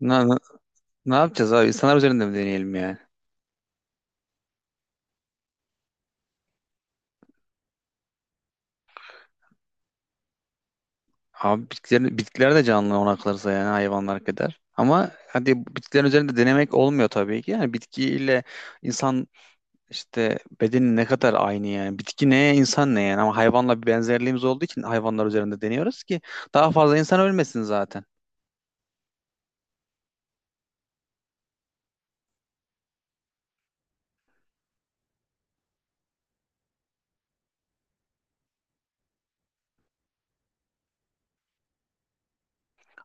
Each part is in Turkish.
Ne, ne, ne, yapacağız abi? İnsanlar üzerinde mi deneyelim yani? Abi bitkiler de canlı ona kalırsa yani hayvanlar kadar. Ama hadi bitkilerin üzerinde denemek olmuyor tabii ki. Yani bitkiyle insan işte bedeni ne kadar aynı yani. Bitki ne, insan ne yani. Ama hayvanla bir benzerliğimiz olduğu için hayvanlar üzerinde deniyoruz ki daha fazla insan ölmesin zaten.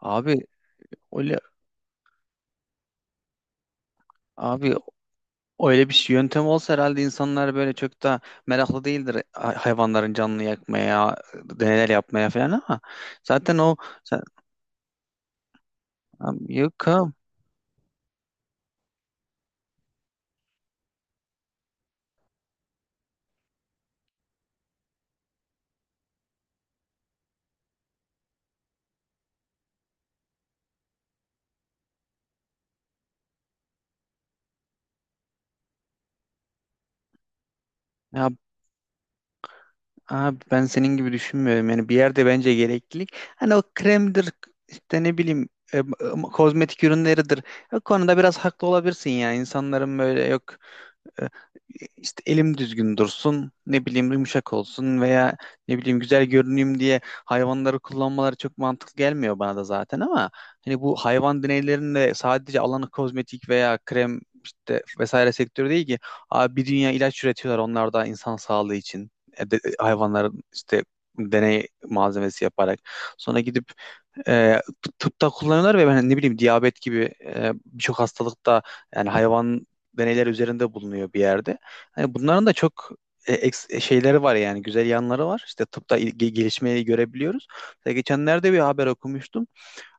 Abi öyle abi, öyle yöntem olsa herhalde insanlar böyle çok da meraklı değildir hayvanların canını yakmaya, deneyler yapmaya falan ama zaten o... Abi, yok abi. Ya, abi ben senin gibi düşünmüyorum. Yani bir yerde bence gereklilik. Hani o kremdir işte ne bileyim kozmetik ürünleridir. O konuda biraz haklı olabilirsin ya. İnsanların böyle yok... E, işte elim düzgün dursun, ne bileyim yumuşak olsun veya ne bileyim güzel görüneyim diye hayvanları kullanmaları çok mantıklı gelmiyor bana da zaten. Ama hani bu hayvan deneylerinde sadece alanı kozmetik veya krem işte vesaire sektörü değil ki abi, bir dünya ilaç üretiyorlar onlar da insan sağlığı için. Hayvanların işte deney malzemesi yaparak sonra gidip e, tıpta kullanıyorlar, ve ben hani ne bileyim diyabet gibi birçok hastalıkta yani hayvan deneyler üzerinde bulunuyor bir yerde. Hani bunların da çok şeyleri var yani güzel yanları var. İşte tıpta gelişmeyi görebiliyoruz. Mesela geçenlerde bir haber okumuştum.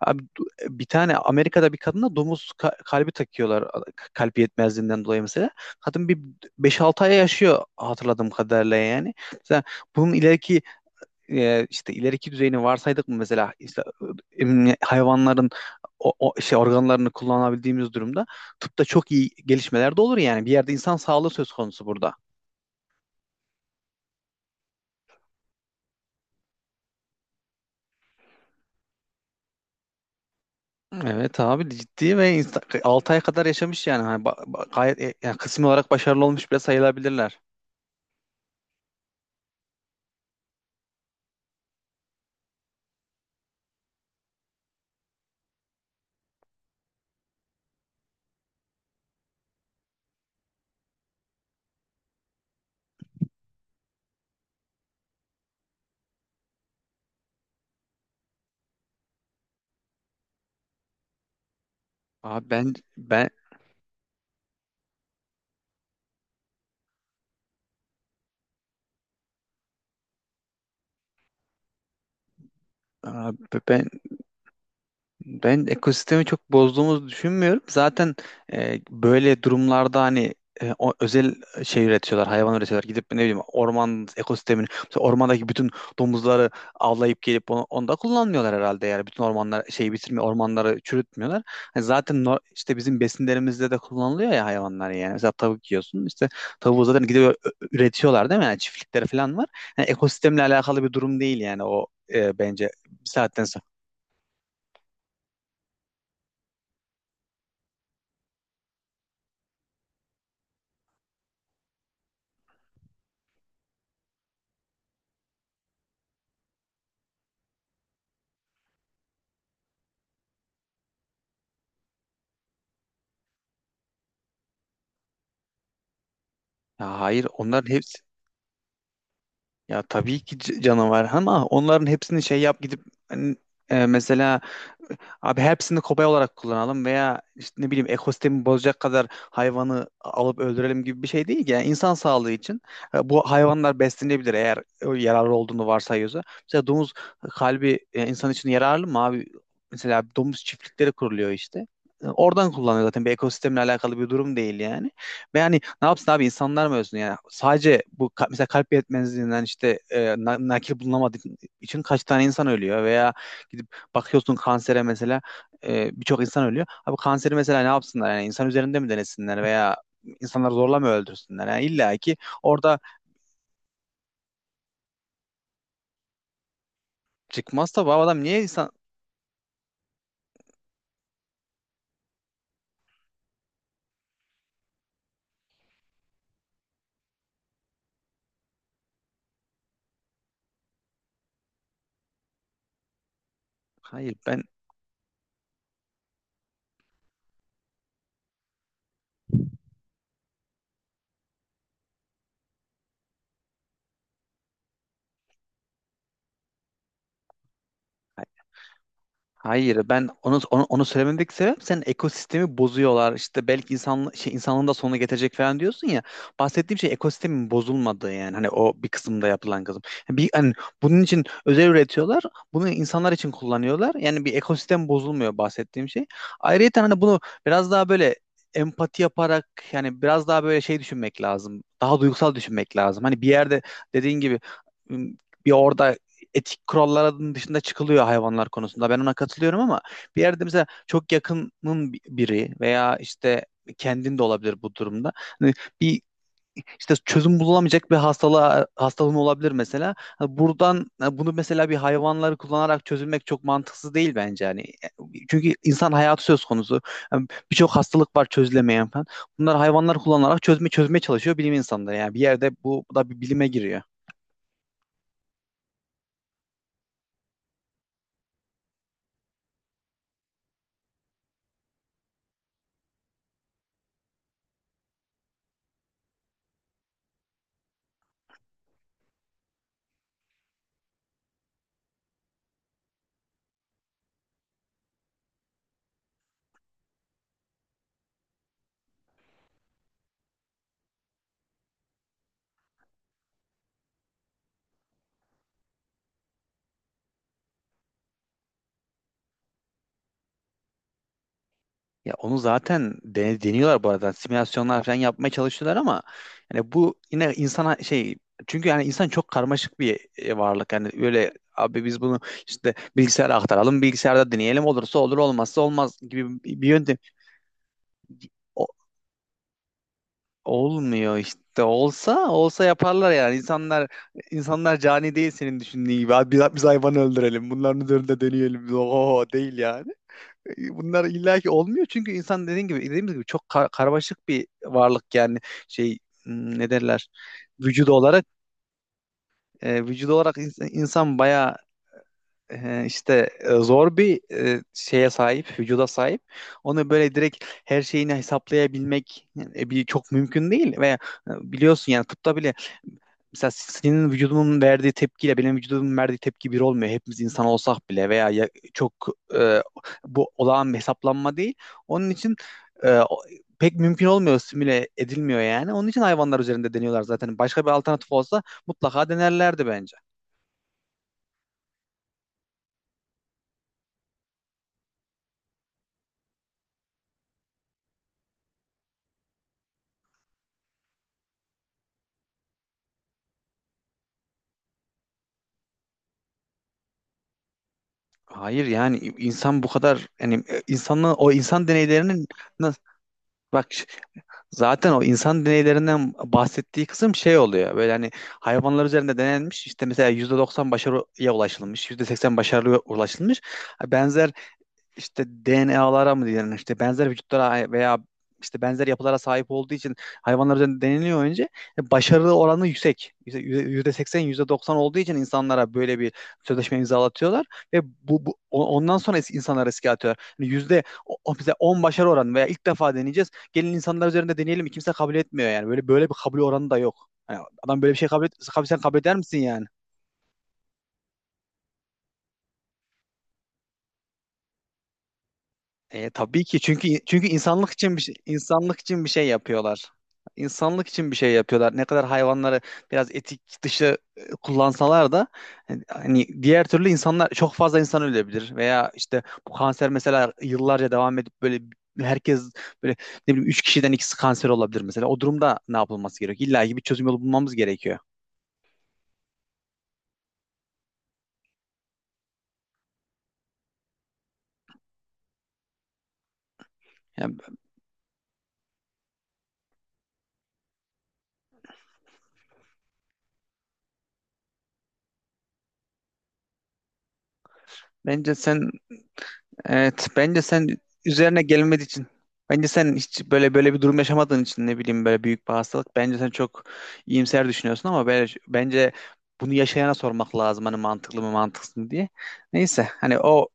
Abi, bir tane Amerika'da bir kadına domuz kalbi takıyorlar kalp yetmezliğinden dolayı mesela. Kadın bir beş altı ay yaşıyor hatırladığım kadarıyla yani. Mesela bunun ileriki e, işte ileriki düzeyini varsaydık mı mesela işte, hayvanların o şey organlarını kullanabildiğimiz durumda tıpta çok iyi gelişmeler de olur yani, bir yerde insan sağlığı söz konusu burada. Evet abi, ciddi. Ve 6 ay kadar yaşamış yani. Hani gayet yani kısmi olarak başarılı olmuş bile sayılabilirler. Abi ben ben abi ben Ben ekosistemi çok bozduğumuzu düşünmüyorum. Zaten böyle durumlarda hani özel şey üretiyorlar, hayvan üretiyorlar. Gidip ne bileyim orman ekosistemini, mesela ormandaki bütün domuzları avlayıp gelip onu da kullanmıyorlar herhalde. Yani bütün ormanlar şeyi bitirmiyor, ormanları çürütmüyorlar. Hani zaten işte bizim besinlerimizde de kullanılıyor ya hayvanlar yani. Mesela tavuk yiyorsun. İşte tavuğu zaten gidip üretiyorlar değil mi? Yani çiftlikleri falan var. Yani ekosistemle alakalı bir durum değil yani o bence bir saatten sonra. Ya hayır, onların hepsi... Ya tabii ki canavar, ama onların hepsini şey yap gidip hani, mesela abi hepsini kobay olarak kullanalım veya işte ne bileyim ekosistemi bozacak kadar hayvanı alıp öldürelim gibi bir şey değil ki. Yani insan sağlığı için bu hayvanlar beslenebilir eğer yararlı olduğunu varsayıyorsa. Mesela domuz kalbi insan için yararlı mı abi? Mesela domuz çiftlikleri kuruluyor işte. Oradan kullanıyor zaten, bir ekosistemle alakalı bir durum değil yani. Ve yani ne yapsın abi, insanlar mı ölsün yani? Sadece bu mesela kalp yetmezliğinden işte nakil bulunamadığı için kaç tane insan ölüyor, veya gidip bakıyorsun kansere mesela birçok insan ölüyor. Abi kanseri mesela ne yapsınlar? Yani insan üzerinde mi denesinler, veya insanları zorla mı öldürsünler? Yani illa ki orada çıkmazsa bu adam niye insan... Hayır ben Hayır, ben onu söylememdeki sebep, senin ekosistemi bozuyorlar işte belki insan şey insanlığın da sonunu getirecek falan diyorsun ya, bahsettiğim şey ekosistemin bozulmadığı, yani hani o bir kısımda yapılan kısım. Yani bir hani bunun için özel üretiyorlar, bunu insanlar için kullanıyorlar, yani bir ekosistem bozulmuyor bahsettiğim şey. Ayrıca hani bunu biraz daha böyle empati yaparak, yani biraz daha böyle şey düşünmek lazım, daha duygusal düşünmek lazım hani. Bir yerde dediğin gibi, bir orada etik kuralların dışında çıkılıyor hayvanlar konusunda. Ben ona katılıyorum, ama bir yerde mesela çok yakının biri veya işte kendin de olabilir bu durumda. Hani bir işte çözüm bulamayacak bir hastalığın olabilir mesela. Hani buradan, hani bunu mesela bir hayvanları kullanarak çözülmek çok mantıksız değil bence hani. Çünkü insan hayatı söz konusu. Yani birçok hastalık var çözülemeyen falan. Bunlar hayvanlar kullanarak çözmeye çalışıyor bilim insanları. Yani bir yerde bu da bir bilime giriyor. Ya onu zaten deniyorlar bu arada. Simülasyonlar falan yapmaya çalışıyorlar, ama yani bu yine insana şey, çünkü yani insan çok karmaşık bir varlık. Yani öyle abi, biz bunu işte bilgisayara aktaralım, bilgisayarda deneyelim, olursa olur olmazsa olmaz gibi bir yöntem. O- Olmuyor işte. Olsa olsa yaparlar yani. İnsanlar cani değil senin düşündüğün gibi. Abi biz hayvanı öldürelim, bunların üzerinde deneyelim. Oho, değil yani. Bunlar illaki olmuyor çünkü insan dediğin gibi, dediğimiz gibi çok karmaşık bir varlık yani. Şey ne derler, vücudu olarak vücudu olarak insan bayağı işte zor bir şeye sahip vücuda sahip. Onu böyle direkt her şeyini hesaplayabilmek yani bir çok mümkün değil, ve biliyorsun yani, tıpta bile mesela senin vücudunun verdiği tepkiyle benim vücudumun verdiği tepki bir olmuyor. Hepimiz insan olsak bile, veya çok e, bu olağan bir hesaplanma değil. Onun için e, o- pek mümkün olmuyor, simüle edilmiyor yani. Onun için hayvanlar üzerinde deniyorlar zaten. Başka bir alternatif olsa mutlaka denerlerdi bence. Hayır yani insan bu kadar yani insanın o insan deneylerinin nasıl, bak... Zaten o insan deneylerinden bahsettiği kısım şey oluyor. Böyle hani hayvanlar üzerinde denenmiş, işte mesela %90 başarıya ulaşılmış, %80 başarıya ulaşılmış. Benzer işte DNA'lara mı diyelim, işte benzer vücutlara veya işte benzer yapılara sahip olduğu için hayvanlar üzerinde deneniyor önce. Başarı oranı yüksek. Yüzde %80, %90 olduğu için insanlara böyle bir sözleşme imzalatıyorlar, ve ondan sonra insanlar riske atıyorlar. Yani yüzde bize 10 başarı oranı veya ilk defa deneyeceğiz, gelin insanlar üzerinde deneyelim. Kimse kabul etmiyor yani. Böyle böyle bir kabul oranı da yok. Yani adam böyle bir şey kabul et, sen kabul eder misin yani? Tabii ki, çünkü insanlık için bir şey, insanlık için bir şey yapıyorlar. İnsanlık için bir şey yapıyorlar. Ne kadar hayvanları biraz etik dışı kullansalar da hani diğer türlü insanlar çok fazla insan ölebilir, veya işte bu kanser mesela yıllarca devam edip böyle herkes böyle ne bileyim 3 kişiden ikisi kanser olabilir mesela. O durumda ne yapılması gerekiyor? İlla ki bir çözüm yolu bulmamız gerekiyor. Yani bence sen Evet, bence sen üzerine gelmediği için, bence sen hiç böyle böyle bir durum yaşamadığın için ne bileyim, böyle büyük bir hastalık. Bence sen çok iyimser düşünüyorsun, ama böyle, bence bunu yaşayana sormak lazım hani, mantıklı mı mantıksız mı diye. Neyse hani o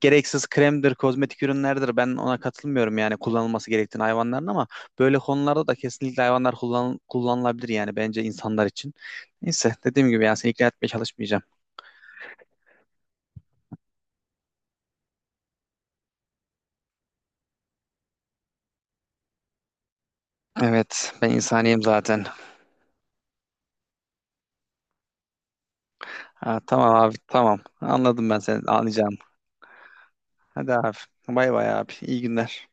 gereksiz kremdir, kozmetik ürünlerdir, ben ona katılmıyorum yani kullanılması gerektiğini hayvanların, ama böyle konularda da kesinlikle hayvanlar kullanılabilir yani bence insanlar için. Neyse, dediğim gibi yani seni ikna etmeye çalışmayacağım. Evet, ben insaniyim zaten. Ha, tamam abi, tamam. Anladım, ben seni anlayacağım. Hadi abi. Bay bay abi. İyi günler.